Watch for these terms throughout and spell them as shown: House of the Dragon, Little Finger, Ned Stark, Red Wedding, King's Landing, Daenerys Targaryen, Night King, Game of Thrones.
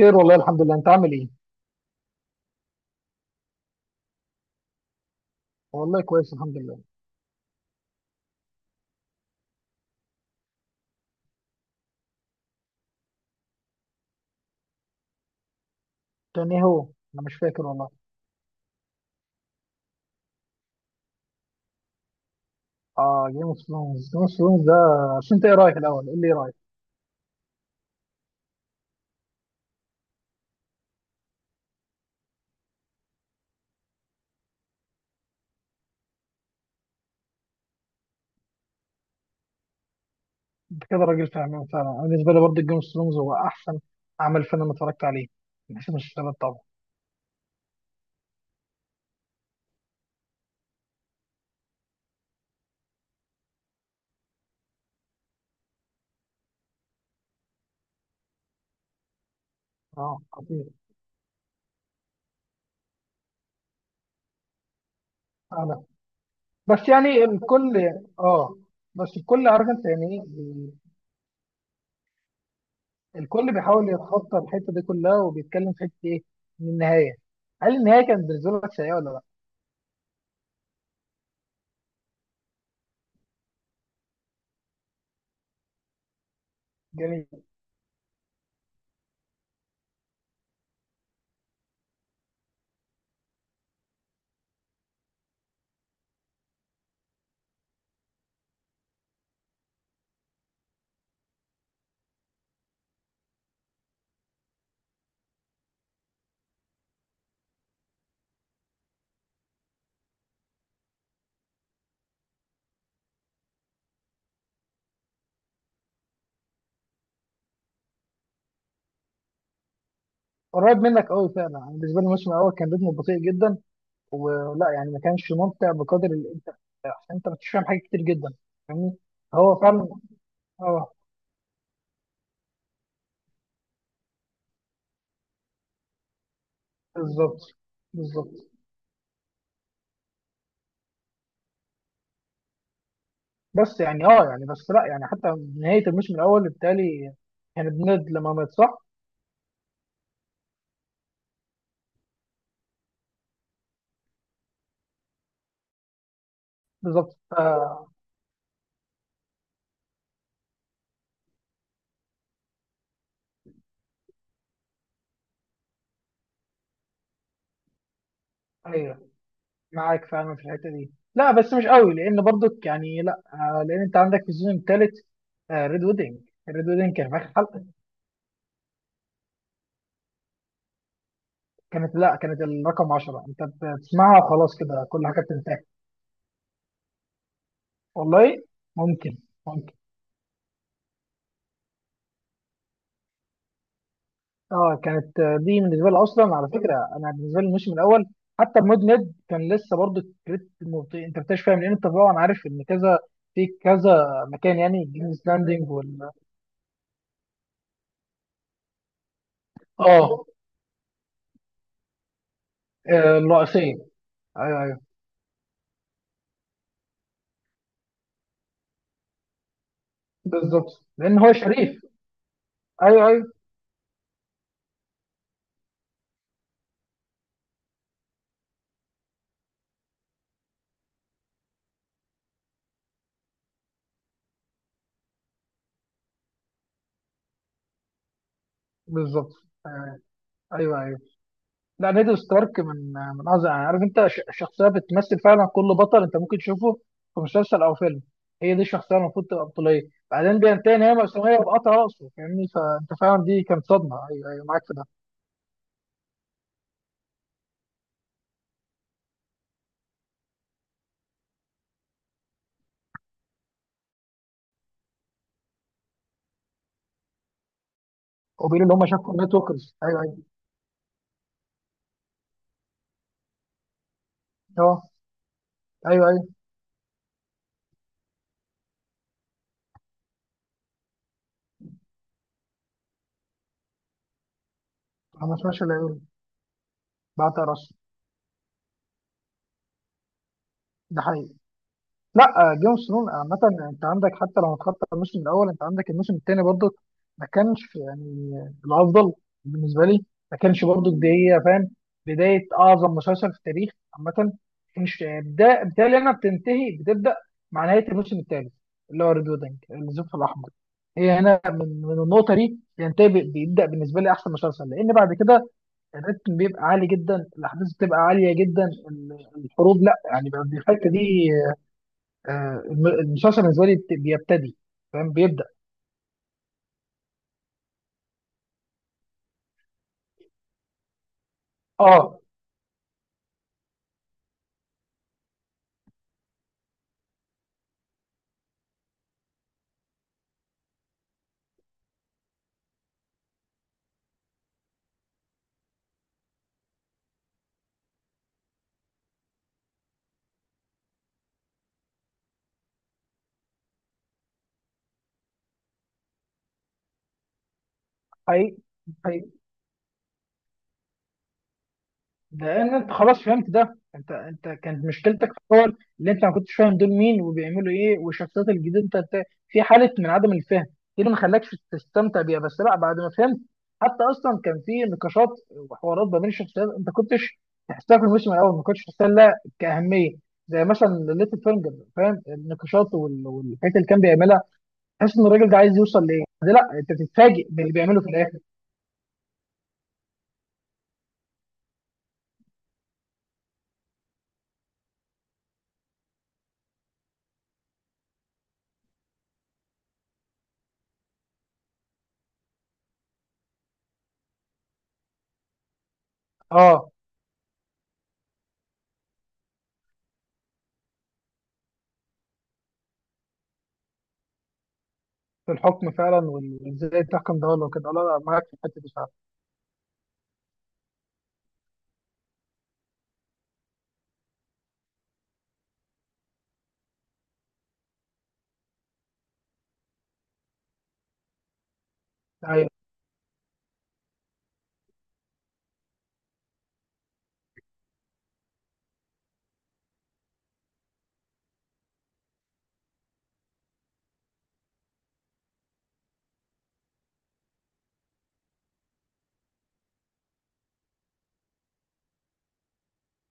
خير والله، الحمد لله. انت عامل ايه؟ والله كويس، الحمد لله. كان ايه هو؟ انا مش فاكر والله. اه جيم اوف ثرونز. جيم اوف ثرونز ده عشان انت ايه رايك؟ الاول قول لي ايه رايك. انت كده راجل فاهمان فعلا. انا بالنسبه لي برضه جيم اوف ثرونز هو احسن عمل فيلم اتفرجت عليه، من حيث المسلسلات طبعا. اه، خطير. انا بس يعني الكل. اه. بس الكل عارف انت يعني ايه. الكل بيحاول يتخطى الحته دي كلها وبيتكلم في حته ايه؟ من النهايه. هل النهايه كانت بالنسبه لك سيئه ولا لا؟ جميل. قريب منك قوي فعلا. أنا بالنسبه لي الموسم الاول كان رتمه بطيء جدا، ولا يعني ما كانش ممتع بقدر اللي انت. عشان انت ما كنتش فاهم حاجات كتير جدا. فاهمني. هو فعلا. اه. بالظبط بالظبط. بس يعني اه يعني بس لا يعني حتى نهايه الموسم الاول بالتالي كان بند لما مات، صح؟ بالظبط. آه. ايوه، معاك فعلا في الحته دي. لا بس مش قوي، لان برضك يعني لا لان انت عندك في السيزون الثالث ريد ويدنج. ريد ويدنج كان في آخر حلقه. كانت، لا، كانت الرقم 10. انت بتسمعها وخلاص كده كل حاجه بتنتهي. والله. ممكن. ممكن. اه كانت. دي بالنسبه لي اصلا، على فكره، انا بالنسبه لي الموسم الاول حتى المود ميد كان لسه برضه الكريت مبطيء. انت بتكتشف، فاهم، لان انت طبعا عارف ان كذا في كذا مكان، يعني جيمز لاندنج وال. اه. الرئيسيه. ايوه ايوه، بالظبط، لان هو شريف. ايوه ايوه، بالظبط. آه. ايوه ايوه. لا، نيد ستارك من اعظم يعني عارف انت شخصيه بتمثل فعلا كل بطل انت ممكن تشوفه في مسلسل او فيلم. هي دي الشخصيه المفروض تبقى بطوليه، بعدين بينتهي ان هي مأساوية بقطع راسه. فاهمني، فانت فعلا دي كانت صدمه. ايوه ايوه، معاك في ده. وبيقولوا ان هم شافوا النت وركرز. ايوه ايوه. اه. ايوه ايوه. انا ما سمعتش الا يقول بقطع راسه. ده حقيقي. لا، جيم اوف ثرونز عامة، انت عندك حتى لو هتخطط الموسم الاول، انت عندك الموسم الثاني برضه ما كانش يعني الافضل بالنسبة لي. ما كانش برضه بداية، فاهم، بداية اعظم مسلسل في التاريخ عامة. مش بدا بالتالي انا، بتنتهي، بتبدا مع نهاية الموسم الثالث اللي هو ريد ويدنج، الزفت الاحمر. هي هنا من النقطة دي ينتهي، بيبدا بالنسبة لي احسن مسلسل. لان بعد كده الريتم بيبقى عالي جدا، الاحداث بتبقى عالية جدا، ال- الحروب، لا يعني بقى الحتة دي الم- المسلسل بالنسبه لي بيبتدي، فاهم، بيبدا. اه، حقيقي حقيقي. لان انت خلاص فهمت ده. انت كانت مشكلتك في الاول اللي انت ما كنتش فاهم دول مين وبيعملوا ايه، والشخصيات الجديده، أنت في حاله من عدم الفهم دي اللي ما خلاكش تستمتع بيها. بس لا، بعد ما فهمت، حتى اصلا كان في نقاشات وحوارات ما بين الشخصيات انت كنتش تحسها. في الموسم الاول ما كنتش تحسها لها كاهميه. زي مثلا ليتل فينجر، فاهم، النقاشات والحاجات اللي كان بيعملها، تحس ان الراجل ده عايز يوصل لايه. ده لا انت بتتفاجئ باللي بيعمله في الاخر. اه، في الحكم فعلا وازاي تحكم ده ولا كده. لا لا، معاك في الحته دي فعلا. ايوه.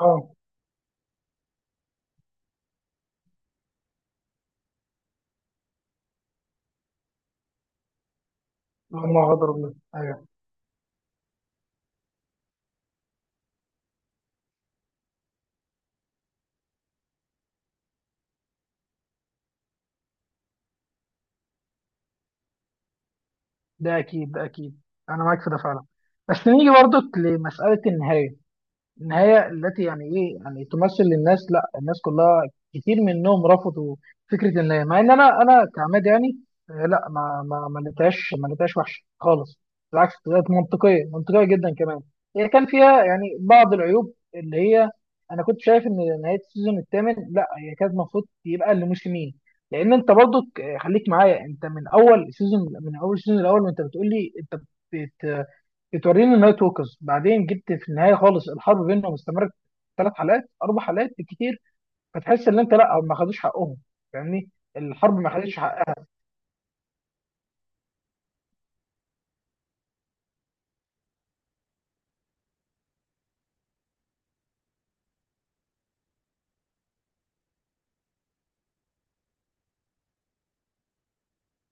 اه. هم غدروا بيه، ايوه. ده اكيد، ده اكيد. انا معاك في ده فعلا. بس نيجي برضك لمساله النهايه. النهاية التي يعني إيه؟ يعني تمثل للناس، لا الناس كلها، كتير منهم رفضوا فكرة النهاية. مع إن أنا أنا كعماد، يعني، لا، ما لقيتهاش، ما لقيتهاش وحشة خالص. بالعكس، طلعت منطقية، منطقية جدا كمان. هي كان فيها يعني بعض العيوب اللي هي، أنا كنت شايف إن نهاية السيزون الثامن لا هي كانت المفروض يبقى لموسمين. لأن أنت برضو خليك معايا. أنت من أول سيزون، من أول السيزون الأول، وأنت بتقول لي، أنت بتوريني النايت ووكرز، بعدين جبت في النهايه خالص الحرب بينهم استمرت ثلاث حلقات، اربع حلقات بالكتير، فتحس ان انت لا ما خدوش حقهم، فاهمني. الحرب ما خدتش حقها.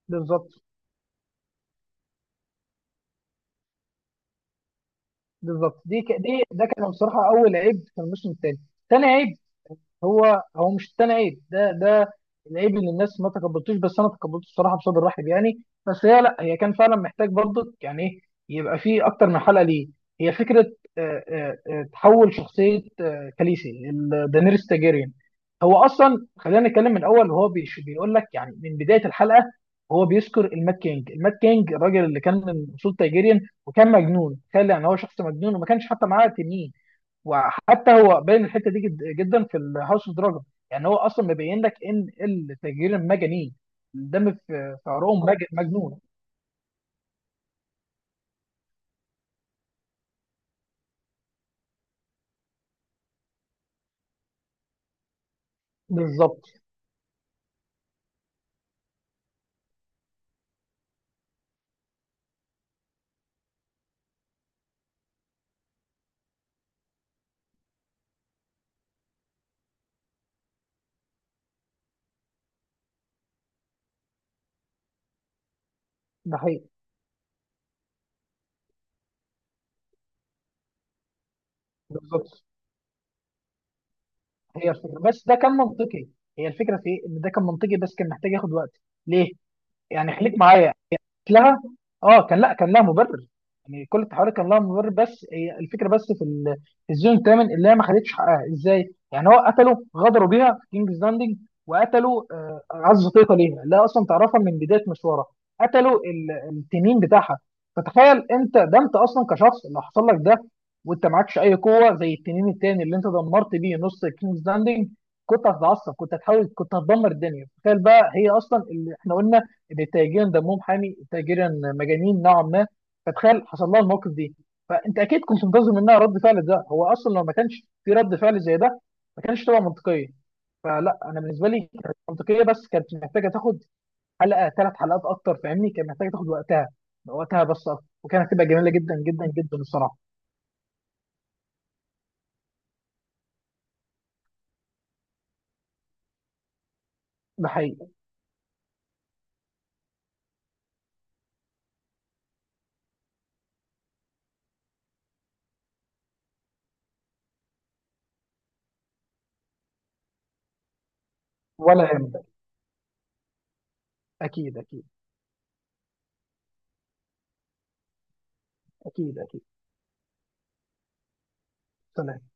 بالظبط. بالظبط. دي ده كان بصراحه اول عيب في الموسم الثاني. ثاني عيب، هو، هو مش التاني عيب، ده العيب اللي الناس ما تقبلتوش، بس انا تقبلته الصراحه بصدر رحب يعني. بس هي، لا هي كان فعلا محتاج برضك يعني ايه، يبقى فيه اكتر من حلقه. ليه؟ هي فكره تحول شخصيه كاليسي ال- دانيريس تاجيريان. هو اصلا خلينا نتكلم من الاول. هو بيقول لك يعني من بدايه الحلقه، هو بيذكر المات كينج، المات كينج الراجل اللي كان من اصول تاجيريان وكان مجنون. تخيل يعني هو شخص مجنون وما كانش حتى معاه تنين. وحتى هو باين الحته دي جد جدا في الهاوس اوف دراجون. يعني هو اصلا مبين لك ان التجرير مجانين، الدم في في عروقهم مجنون. بالظبط. ده حقيقي. بالظبط. هي الفكره بس ده كان منطقي. هي الفكره في إيه؟ ان ده كان منطقي بس كان محتاج ياخد وقت. ليه؟ يعني خليك معايا. اتلغى. اه كان، لا كان لها مبرر. يعني كل التحولات كان لها مبرر، بس هي الفكره بس في ال- في الزون الثامن اللي هي ما خدتش حقها. ازاي؟ يعني هو قتلوا، غدروا بيها في كينجز لاندنج، وقتلوا اعز طيقه ليها اللي هي اصلا تعرفها من بدايه مشوارها، قتلوا ال- التنين بتاعها. فتخيل انت ده، انت اصلا كشخص اللي حصل لك ده، وانت معكش اي قوه زي التنين التاني اللي انت دمرت بيه نص كينجز لاندنج. كنت هتتعصب، كنت هتحاول، كنت هتدمر الدنيا. تخيل بقى هي اصلا اللي احنا قلنا للتاجرين دمهم حامي، تاجرين مجانين نوعا ما، فتخيل حصل لها الموقف دي. فانت اكيد كنت منتظر منها رد فعل. ده هو اصلا لو ما كانش في رد فعل زي ده ما كانش تبقى منطقيه. فلا، انا بالنسبه لي كانت منطقيه، بس كانت محتاجه تاخد حلقه، ثلاث حلقات اكتر، فاهمني، كانت محتاجه تاخد وقتها، وقتها بس اكتر، وكانت هتبقى جميله جدا جدا جدا الصراحه. ده حقيقي. ولا يهمك. اكيد اكيد. اكيد اكيد. سلام.